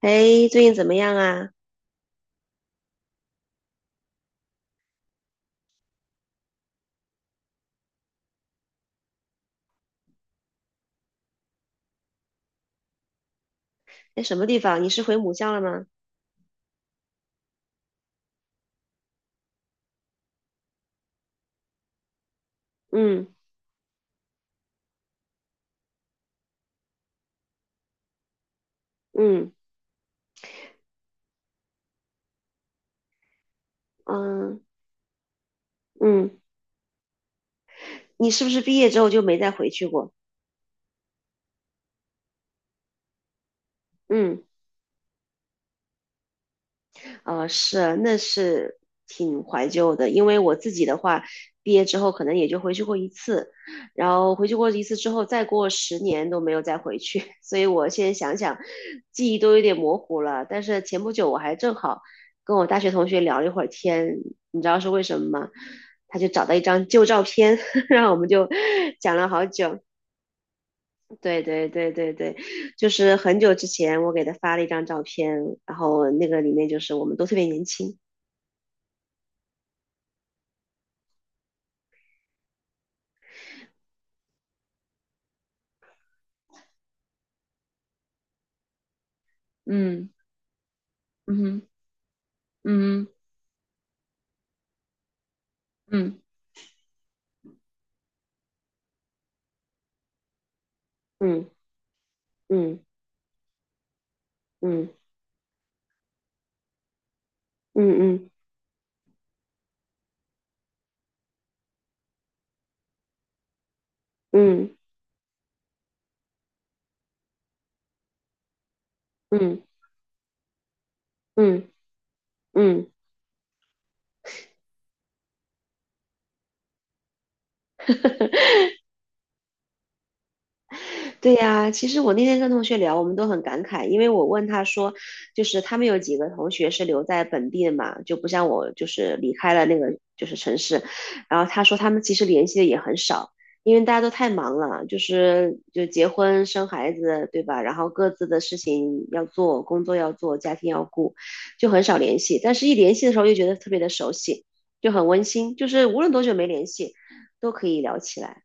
哎，最近怎么样啊？在什么地方？你是回母校了吗？嗯嗯嗯嗯，你是不是毕业之后就没再回去过？嗯。是，那是挺怀旧的，因为我自己的话，毕业之后可能也就回去过一次，然后回去过一次之后，再过10年都没有再回去，所以我现在想想，记忆都有点模糊了。但是前不久我还正好跟我大学同学聊了一会儿天，你知道是为什么吗？他就找到一张旧照片，然后我们就 讲了好久。对对对对对，就是很久之前我给他发了一张照片，然后那个里面就是我们都特别年轻。嗯嗯嗯嗯嗯嗯嗯嗯嗯嗯嗯嗯嗯嗯嗯。对呀，其实我那天跟同学聊，我们都很感慨，因为我问他说，就是他们有几个同学是留在本地的嘛，就不像我，就是离开了那个就是城市，然后他说他们其实联系的也很少，因为大家都太忙了，就是就结婚生孩子，对吧？然后各自的事情要做，工作要做，家庭要顾，就很少联系。但是一联系的时候又觉得特别的熟悉，就很温馨，就是无论多久没联系，都可以聊起来。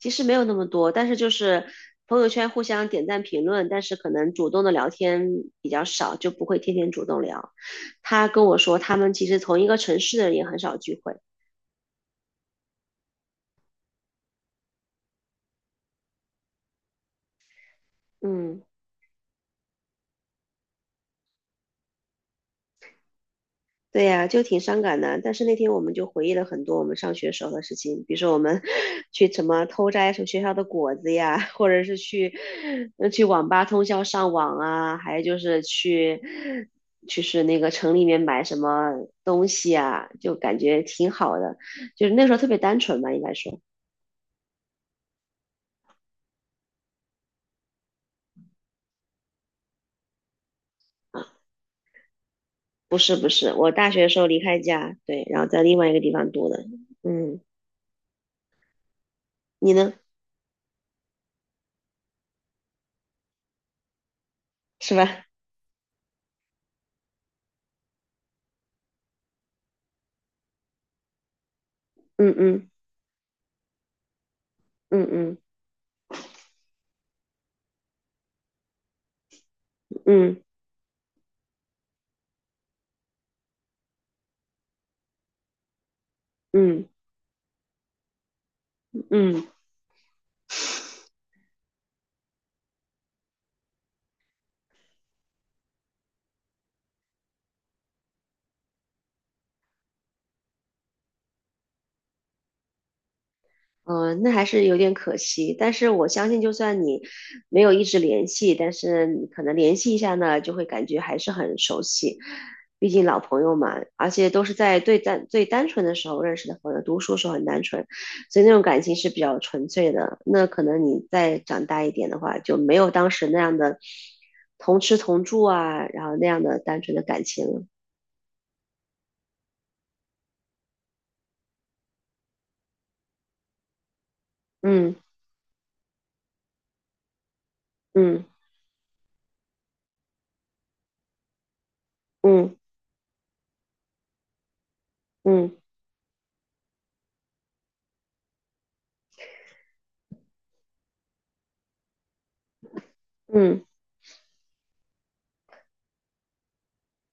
其实没有那么多，但是就是朋友圈互相点赞评论，但是可能主动的聊天比较少，就不会天天主动聊。他跟我说，他们其实同一个城市的人也很少聚会。嗯。对呀，就挺伤感的。但是那天我们就回忆了很多我们上学时候的事情，比如说我们 去什么偷摘什么学校的果子呀，或者是去去网吧通宵上网啊，还有就是去就是那个城里面买什么东西啊，就感觉挺好的。就是那时候特别单纯吧，应该说啊，不是不是，我大学的时候离开家，对，然后在另外一个地方读的。嗯，你呢？是吧？嗯嗯嗯嗯嗯嗯嗯。嗯嗯嗯，那还是有点可惜，但是我相信，就算你没有一直联系，但是你可能联系一下呢，就会感觉还是很熟悉，毕竟老朋友嘛，而且都是在最单纯的时候认识的朋友，读书时候很单纯，所以那种感情是比较纯粹的。那可能你再长大一点的话，就没有当时那样的同吃同住啊，然后那样的单纯的感情了。嗯嗯嗯嗯嗯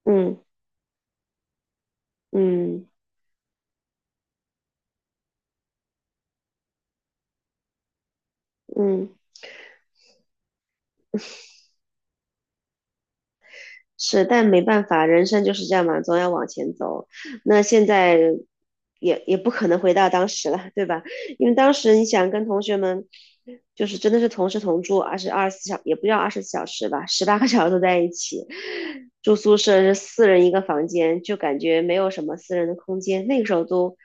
嗯嗯嗯嗯。是，但没办法，人生就是这样嘛，总要往前走。那现在也不可能回到当时了，对吧？因为当时你想跟同学们，就是真的是同吃同住，二十二十四小也不叫24小时吧，18个小时都在一起，住宿舍是4人一个房间，就感觉没有什么私人的空间。那个时候都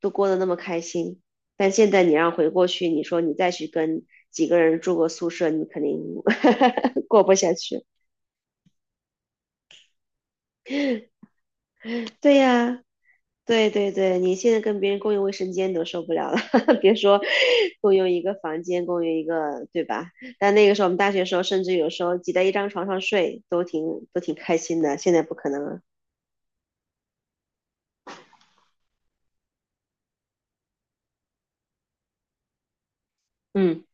都过得那么开心，但现在你让回过去，你说你再去跟几个人住个宿舍，你肯定 过不下去。对呀。对对对，你现在跟别人共用卫生间都受不了了，别说共用一个房间，共用一个，对吧？但那个时候我们大学的时候，甚至有时候挤在一张床上睡，都挺开心的。现在不可能了，嗯，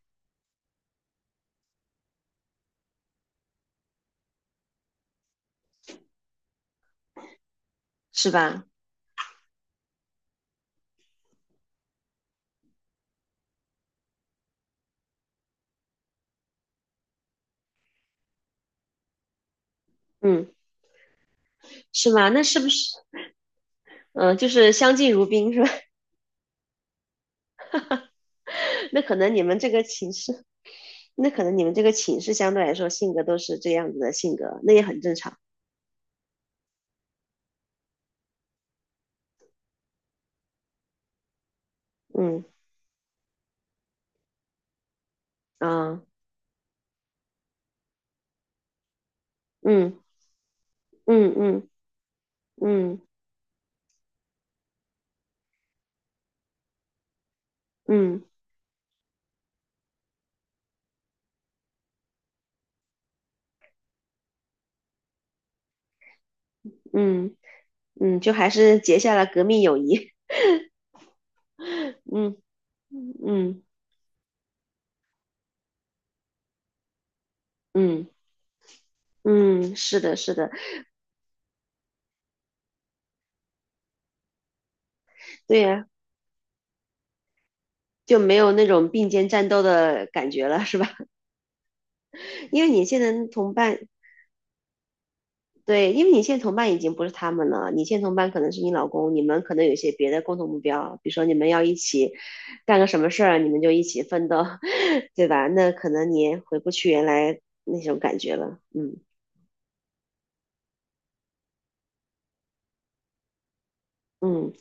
是吧？嗯，是吧？那是不是，嗯、就是相敬如宾是吧？那可能你们这个寝室，那可能你们这个寝室相对来说性格都是这样子的性格，那也很正常。嗯啊，嗯嗯嗯嗯嗯嗯嗯。嗯嗯嗯，就还是结下了革命友谊。嗯嗯嗯嗯，是的，是的，对呀、就没有那种并肩战斗的感觉了，是吧？因为你现在同伴，对，因为你现在同伴已经不是他们了，你现在同伴可能是你老公，你们可能有一些别的共同目标，比如说你们要一起干个什么事儿，你们就一起奋斗，对吧？那可能你也回不去原来那种感觉了。嗯嗯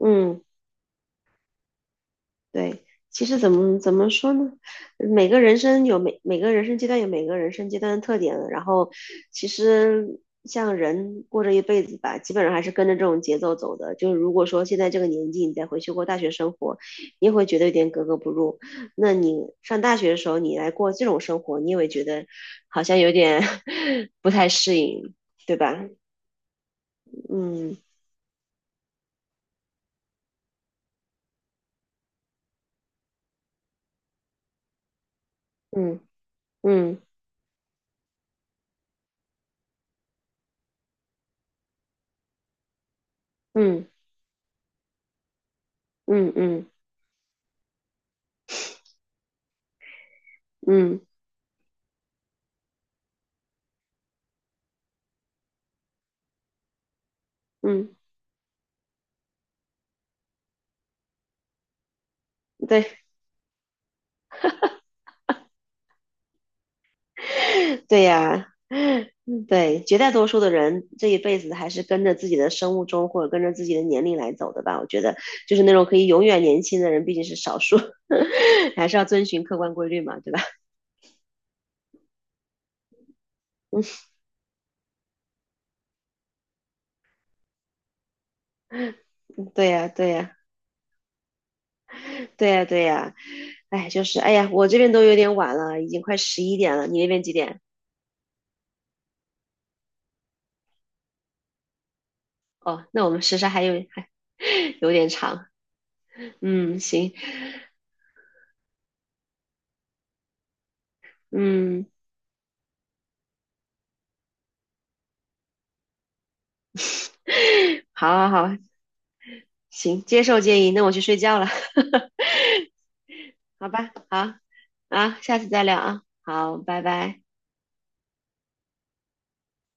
嗯。对，其实怎么说呢？每个人生阶段有每个人生阶段的特点，然后其实像人过这一辈子吧，基本上还是跟着这种节奏走的。就是如果说现在这个年纪你再回去过大学生活，你也会觉得有点格格不入。那你上大学的时候你来过这种生活，你也会觉得好像有点 不太适应，对吧？嗯嗯嗯嗯嗯嗯嗯嗯嗯，对。对呀，嗯对，绝大多数的人这一辈子还是跟着自己的生物钟或者跟着自己的年龄来走的吧。我觉得，就是那种可以永远年轻的人毕竟是少数，还是要遵循客观规律嘛，对吧？对呀，对呀，对呀，对呀。哎，就是哎呀，我这边都有点晚了，已经快11点了。你那边几点？哦，那我们时差还有还 有点长。嗯，行，嗯，好，好，好，行，接受建议。那我去睡觉了。好吧，好。啊，下次再聊啊，好，拜拜。